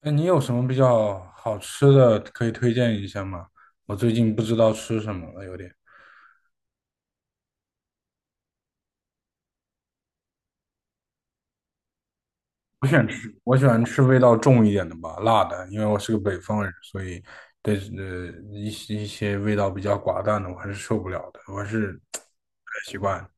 哎，你有什么比较好吃的可以推荐一下吗？我最近不知道吃什么了，有点。不喜欢吃，我喜欢吃味道重一点的吧，辣的，因为我是个北方人，所以对呃一些味道比较寡淡的我还是受不了的，我还是不太习惯。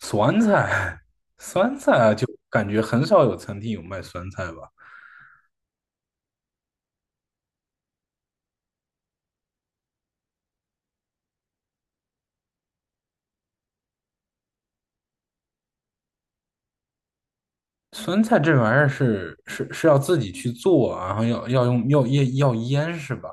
酸菜，酸菜啊，就感觉很少有餐厅有卖酸菜吧。酸菜这玩意儿是要自己去做啊，然后要腌是吧？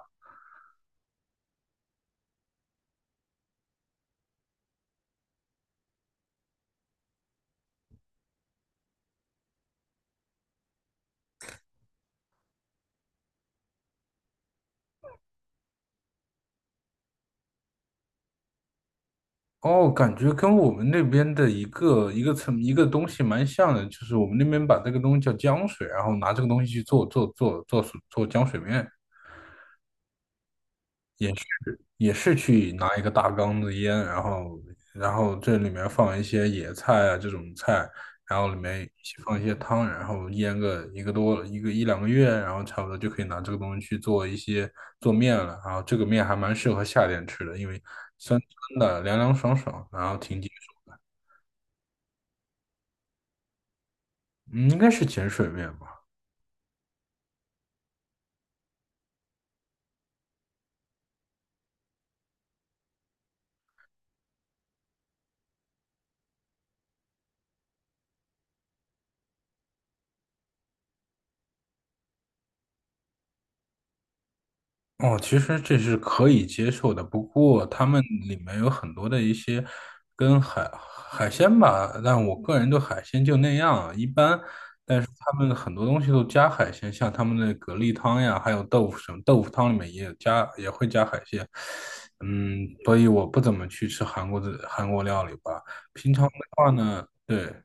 哦，感觉跟我们那边的一个东西蛮像的，就是我们那边把这个东西叫浆水，然后拿这个东西去做浆水面，也是去拿一个大缸子腌，然后这里面放一些野菜啊这种菜，然后里面一起放一些汤，然后腌个一个多一个一两个月，然后差不多就可以拿这个东西去做一些做面了。然后这个面还蛮适合夏天吃的，因为酸酸的，凉凉爽爽，然后挺解暑。嗯，应该是碱水面吧。哦，其实这是可以接受的，不过他们里面有很多的一些跟海鲜吧，但我个人对海鲜就那样，一般。但是他们很多东西都加海鲜，像他们的蛤蜊汤呀，还有豆腐什么，豆腐汤里面也有加，也会加海鲜。嗯，所以我不怎么去吃韩国料理吧。平常的话呢，对。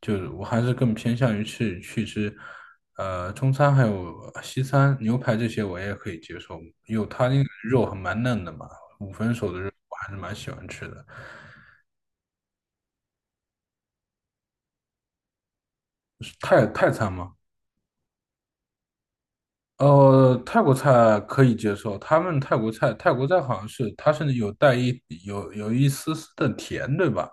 就是我还是更偏向于去吃，中餐，还有西餐，牛排这些我也可以接受，因为它那个肉还蛮嫩的嘛，五分熟的肉我还是蛮喜欢吃的。是泰餐吗？呃，泰国菜可以接受，他们泰国菜好像是它至有带一有有一丝丝的甜，对吧？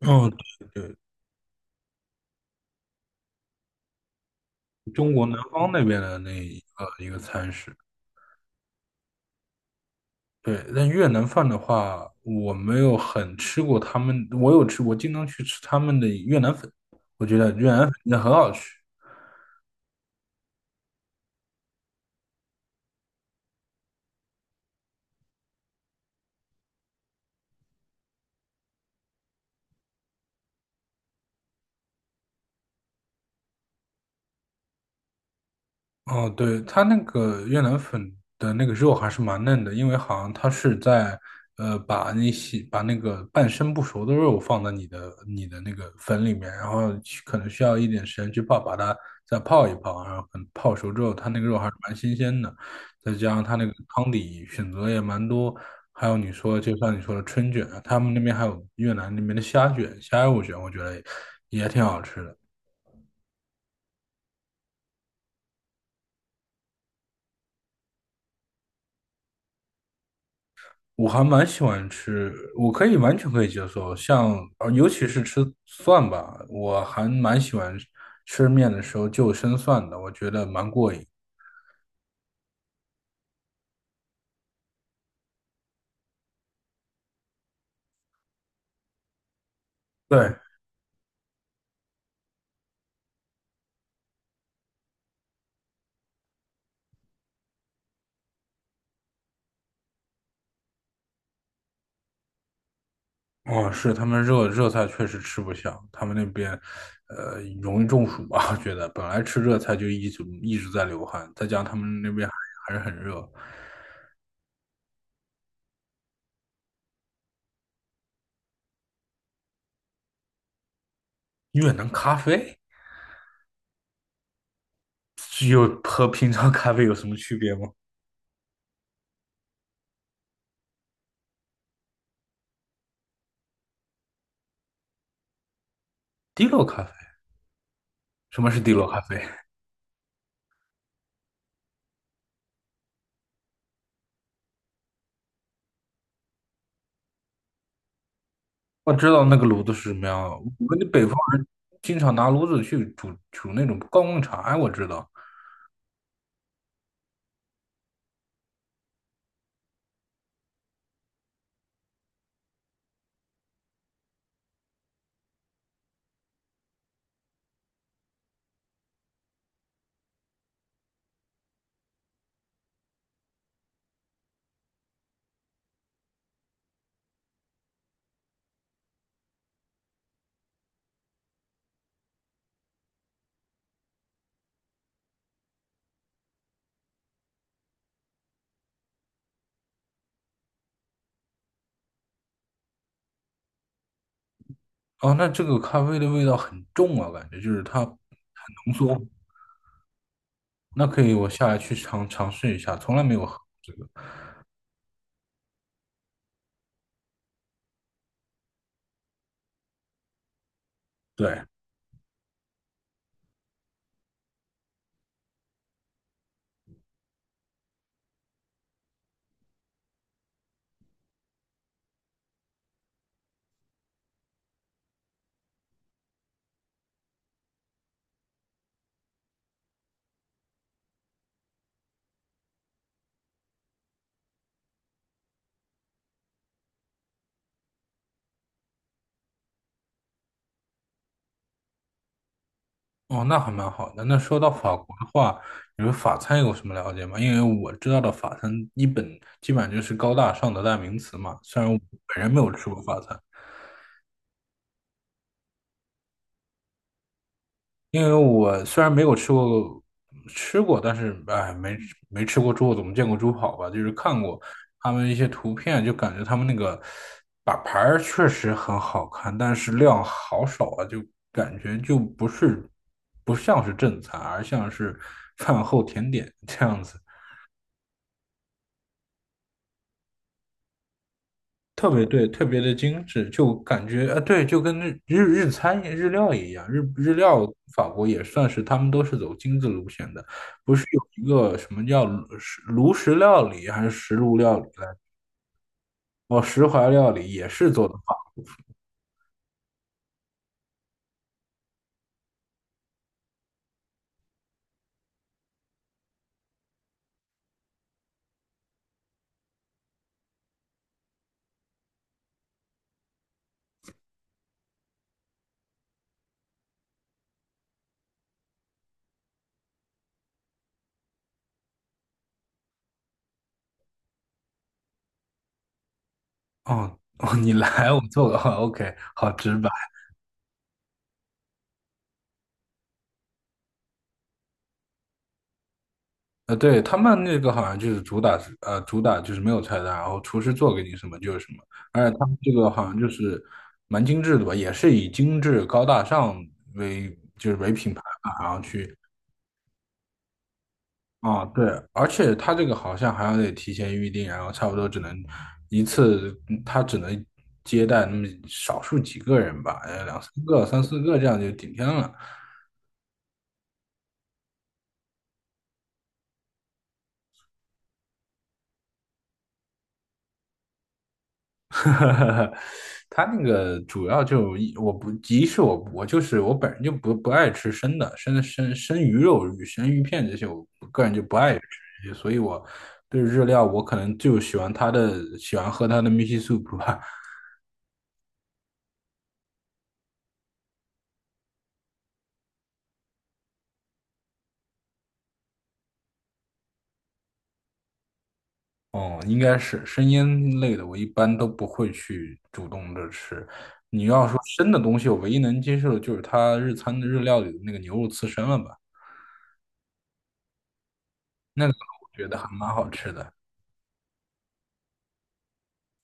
哦，对对，中国南方那边的那一个一个餐食。对，但越南饭的话，我没有很吃过他们，我经常去吃他们的越南粉，我觉得越南粉真的很好吃。哦，对，它那个越南粉的那个肉还是蛮嫩的，因为好像它是在把那些把那个半生不熟的肉放在你的那个粉里面，然后去可能需要一点时间去泡，把它再泡一泡，然后可能泡熟之后，它那个肉还是蛮新鲜的，再加上它那个汤底选择也蛮多。还有你说，就像你说的春卷啊，他们那边还有越南那边的虾卷、虾肉卷，我觉得也挺好吃的。我还蛮喜欢吃，我可以完全可以接受。像尤其是吃蒜吧，我还蛮喜欢吃面的时候就生蒜的，我觉得蛮过瘾。对。哦，是他们热菜确实吃不下，他们那边容易中暑吧。我觉得本来吃热菜就一直在流汗，再加上他们那边还是很热。越南咖啡有和平常咖啡有什么区别吗？滴落咖啡，什么是滴落咖啡？我知道那个炉子是什么样的，我们北方人经常拿炉子去煮那种高粱茶呀，我知道。哦，那这个咖啡的味道很重啊，感觉就是它很浓缩。那可以，我下来去尝试一下，从来没有喝过这个。对。哦，那还蛮好的。那说到法国的话，你们法餐有什么了解吗？因为我知道的法餐基本上就是高大上的代名词嘛，虽然我本人没有吃过法餐。因为我虽然没有吃过吃过，但是哎，没吃过猪，怎么见过猪跑吧，就是看过他们一些图片，就感觉他们那个把牌儿确实很好看，但是量好少啊，就感觉就不是不像是正餐，而像是饭后甜点这样子。特别对，特别的精致，就感觉啊，对，就跟日日料一样。日日料法国也算是，他们都是走精致路线的，不是有一个什么叫炉石料理，还是石炉料理来着？哦，石怀料理也是做的法。哦哦，你来我做个 OK，好直白。呃，对，他们那个好像就是主打就是没有菜单，然后厨师做给你什么就是什么，而且他们这个好像就是蛮精致的吧，也是以精致高大上为就是为品牌吧，然后去啊。对，而且他这个好像还要得提前预定，然后差不多只能一次，嗯他只能接待那么少数几个人吧，呃，两三个、三四个这样就顶天了。它那个主要就一我不一是我我就是我本人就不爱吃生的，生鱼片这些，我个人就不爱吃，所以我对日料我可能就喜欢喜欢喝它的 miso s u p 吧。哦，应该是生腌类的，我一般都不会去主动的吃。你要说生的东西，我唯一能接受的就是它日餐的日料里的那个牛肉刺身了吧，那个我觉得还蛮好吃的。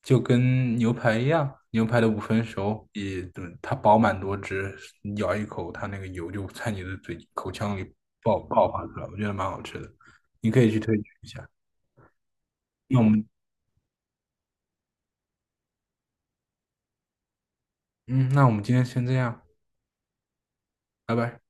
就跟牛排一样，牛排的五分熟也，嗯它饱满多汁，咬一口，它那个油就在你的口腔里爆发出来，我觉得蛮好吃的，你可以去推荐一下。那我们，嗯，那我们今天先这样，拜拜。